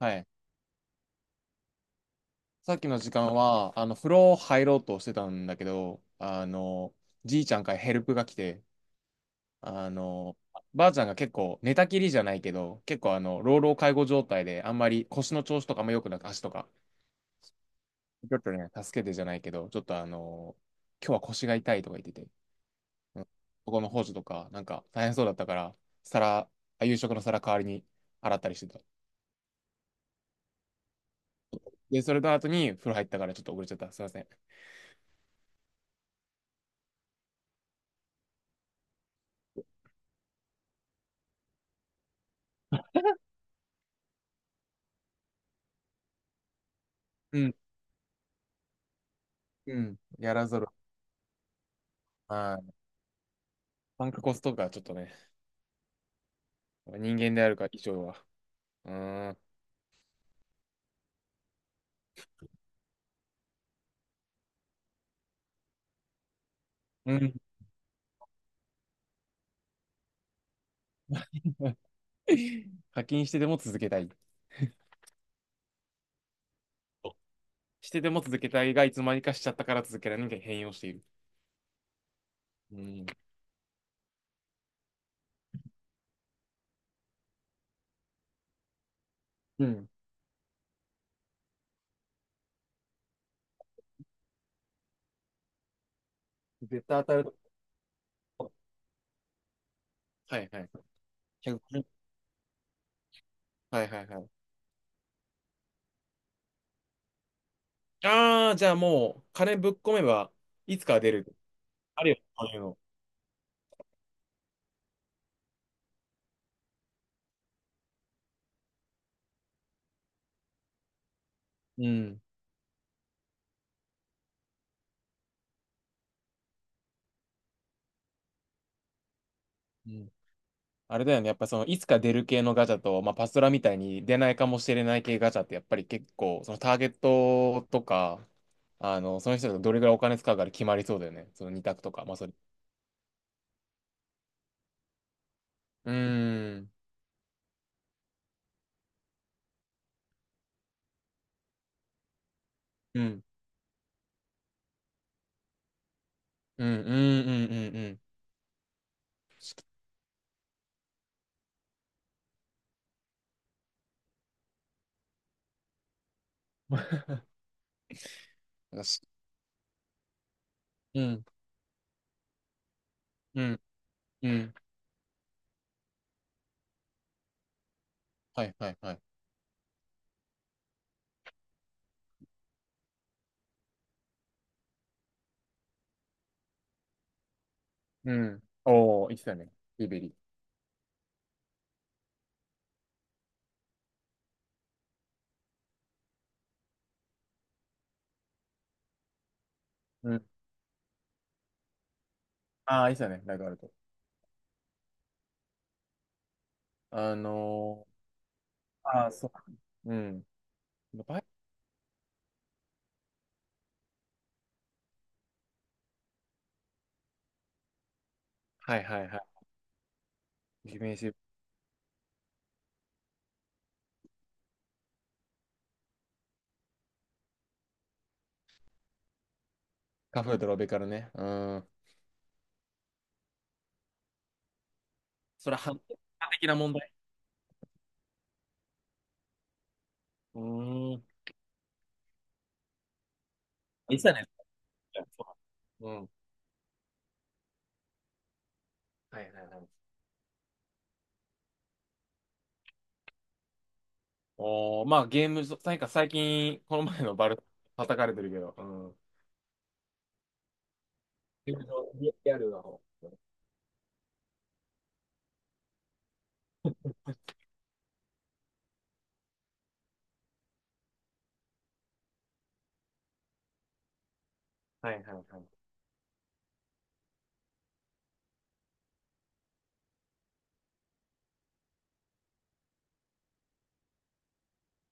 はい。さっきの時間は、風呂入ろうとしてたんだけど、じいちゃんからヘルプが来て、あの、ばあちゃんが結構寝たきりじゃないけど、結構老老介護状態で、あんまり腰の調子とかも良くなく、足とか、ちょっとね、助けてじゃないけど、ちょっと今日は腰が痛いとか言ってて、うん、ここの補助とか、なんか大変そうだったから、皿、夕食の皿代わりに洗ったりしてた。で、それと後に風呂入ったからちょっと遅れちゃった。すいません。うん、うん、やらざるを。はい、参加コストがちょっとね、人間であるか以上は。うーん。うん。 課金してでも続けたい。してでも続けたいが、いつまにかしちゃったから続けられない変容している。うん。うん。絶対当たると思う。はいはい。1 0 0。はいはいはい。ああ、じゃあもう、金ぶっ込めば、いつかは出る。あるよ、そういうの。うん。うん。あれだよね。やっぱその、いつか出る系のガチャと、まあ、パストラみたいに出ないかもしれない系ガチャって、やっぱり結構、そのターゲットとか、その人がどれぐらいお金使うから決まりそうだよね。その二択とか。まあ、それ。うーん。うん。うん。うん。うん。うん。うん。よし。うん。うん。うん。はい。はい。はい。うん。おー、言ってたね。リベリ。うん。ああ、言ってたね。ラグあると。あのー、ああ、そうか。うん。バイ。はい。はい。はい。ディフェンシブ。カフードロベカルね。うん。それは、反的な問題。うーん。言ってたね。そう。うん。はい。はい。はい。おー、まあゲーム上なんか最近、この前のバル、叩かれてるけど、うん。ゲームのリリアルな方。はいはいはい。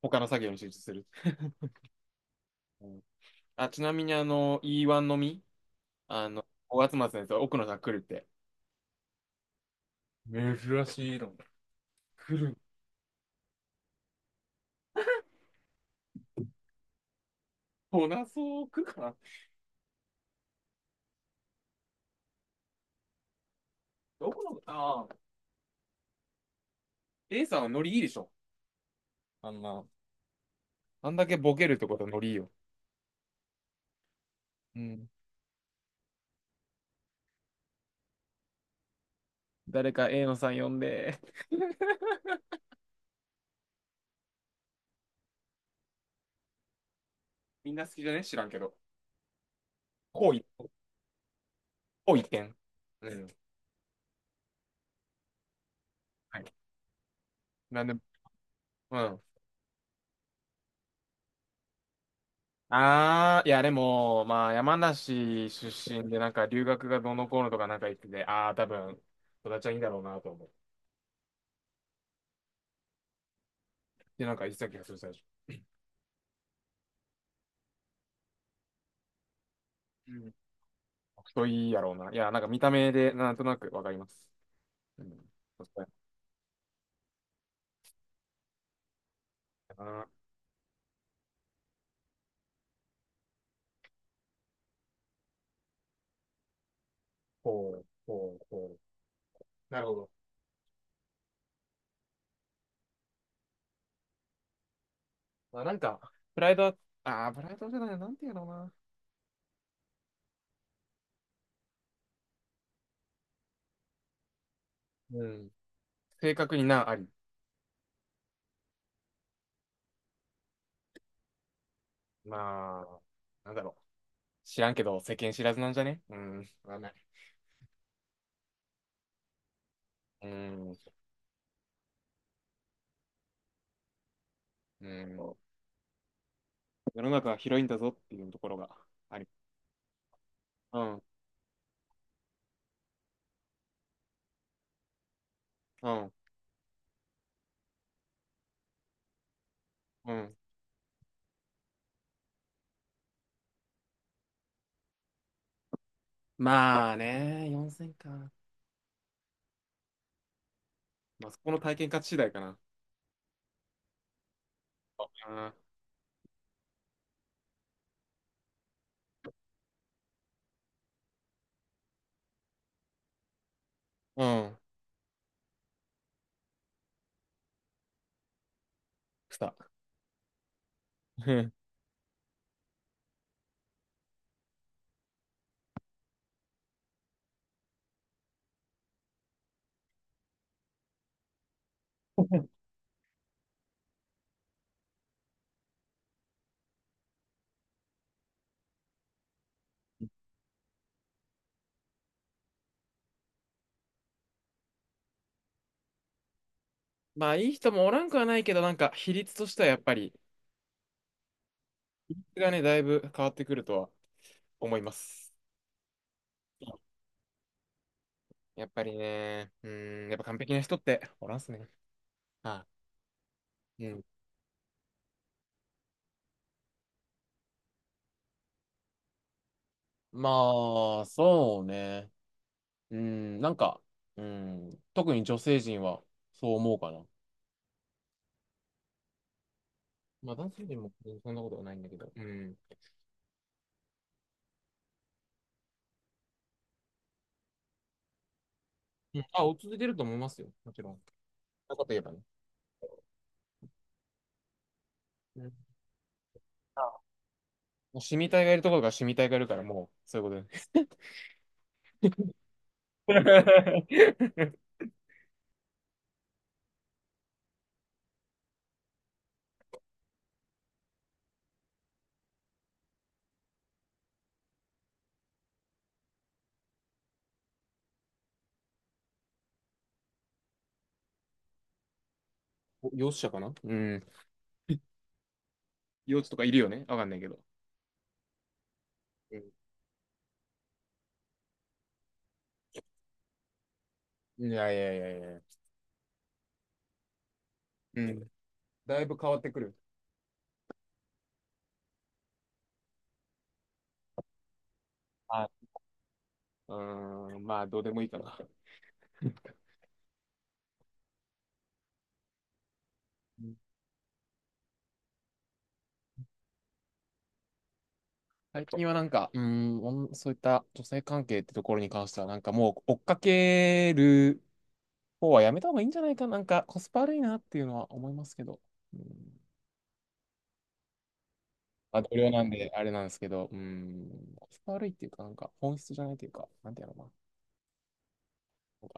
他の作業に集中する。うん。あ、ちなみにE1 のみ、5月末のやつ、奥野さん来るって。珍しいの。来る。来なそう、来るかな。奥野、ああ、A さんはノリいいでしょ。あんな。あんだけボケるってことはノリいいよ。うん。誰か A のさん呼んで。みんな好きじゃね知らんけど。こうい、こう一点。うん。はい。なんで、うん。ああ、いや、でも、まあ、山梨出身で、なんか、留学がどうのこうのとかなんか言ってて、ああ、多分、育ちはいいんだろうなと思って、なんか言ってた気がする、最初。うん。人いいやろうな。いや、なんか見た目で、なんとなくわかります。うん。そしたらな、ほう、ほう、ほう。なるほど。まあ、なんか、プライドは、ああ、プライドじゃない、なんていうのかな。うん。正確にな、あり。まあ、なんだろう。知らんけど、世間知らずなんじゃね。うん。わかんない。うん。うん。世の中は広いんだぞっていうところがあり。うん、うん、うん。まあね、4 0か。まあ、そこの体験価値次第かな。うん。うんくた。うん。まあ、いい人もおらんくはないけど、なんか、比率としてはやっぱり、比率がね、だいぶ変わってくるとは思います。やっぱりね、うん、やっぱ完璧な人っておらんっすね。あ、うん。まあ、そうね。うん、うん、特に女性陣はそう思うかな。まあ、男性陣もそんなことはないんだけど。うん。うん。あ、お続いてると思いますよ。もちろん。そんなこと言えばね。うん。あ、もう、シミ体がいるところがシミ体がいるから、もう、そういうことで。お幼稚者かな。うん。幼稚とかいるよね、わかんないけど。うん。いやいやいやいや。うん。だいぶ変わってくる。はい。うーん、まあ、どうでもいいかな。うん。 最近はなんか、うーん、おんそういった女性関係ってところに関しては、なんかもう追っかける方はやめた方がいいんじゃないかな。なんかコスパ悪いなっていうのは思いますけど。うん。まあ、同僚なんであれなんですけど、うん。コスパ悪いっていうか、なんか本質じゃないというか、なんていうのかな。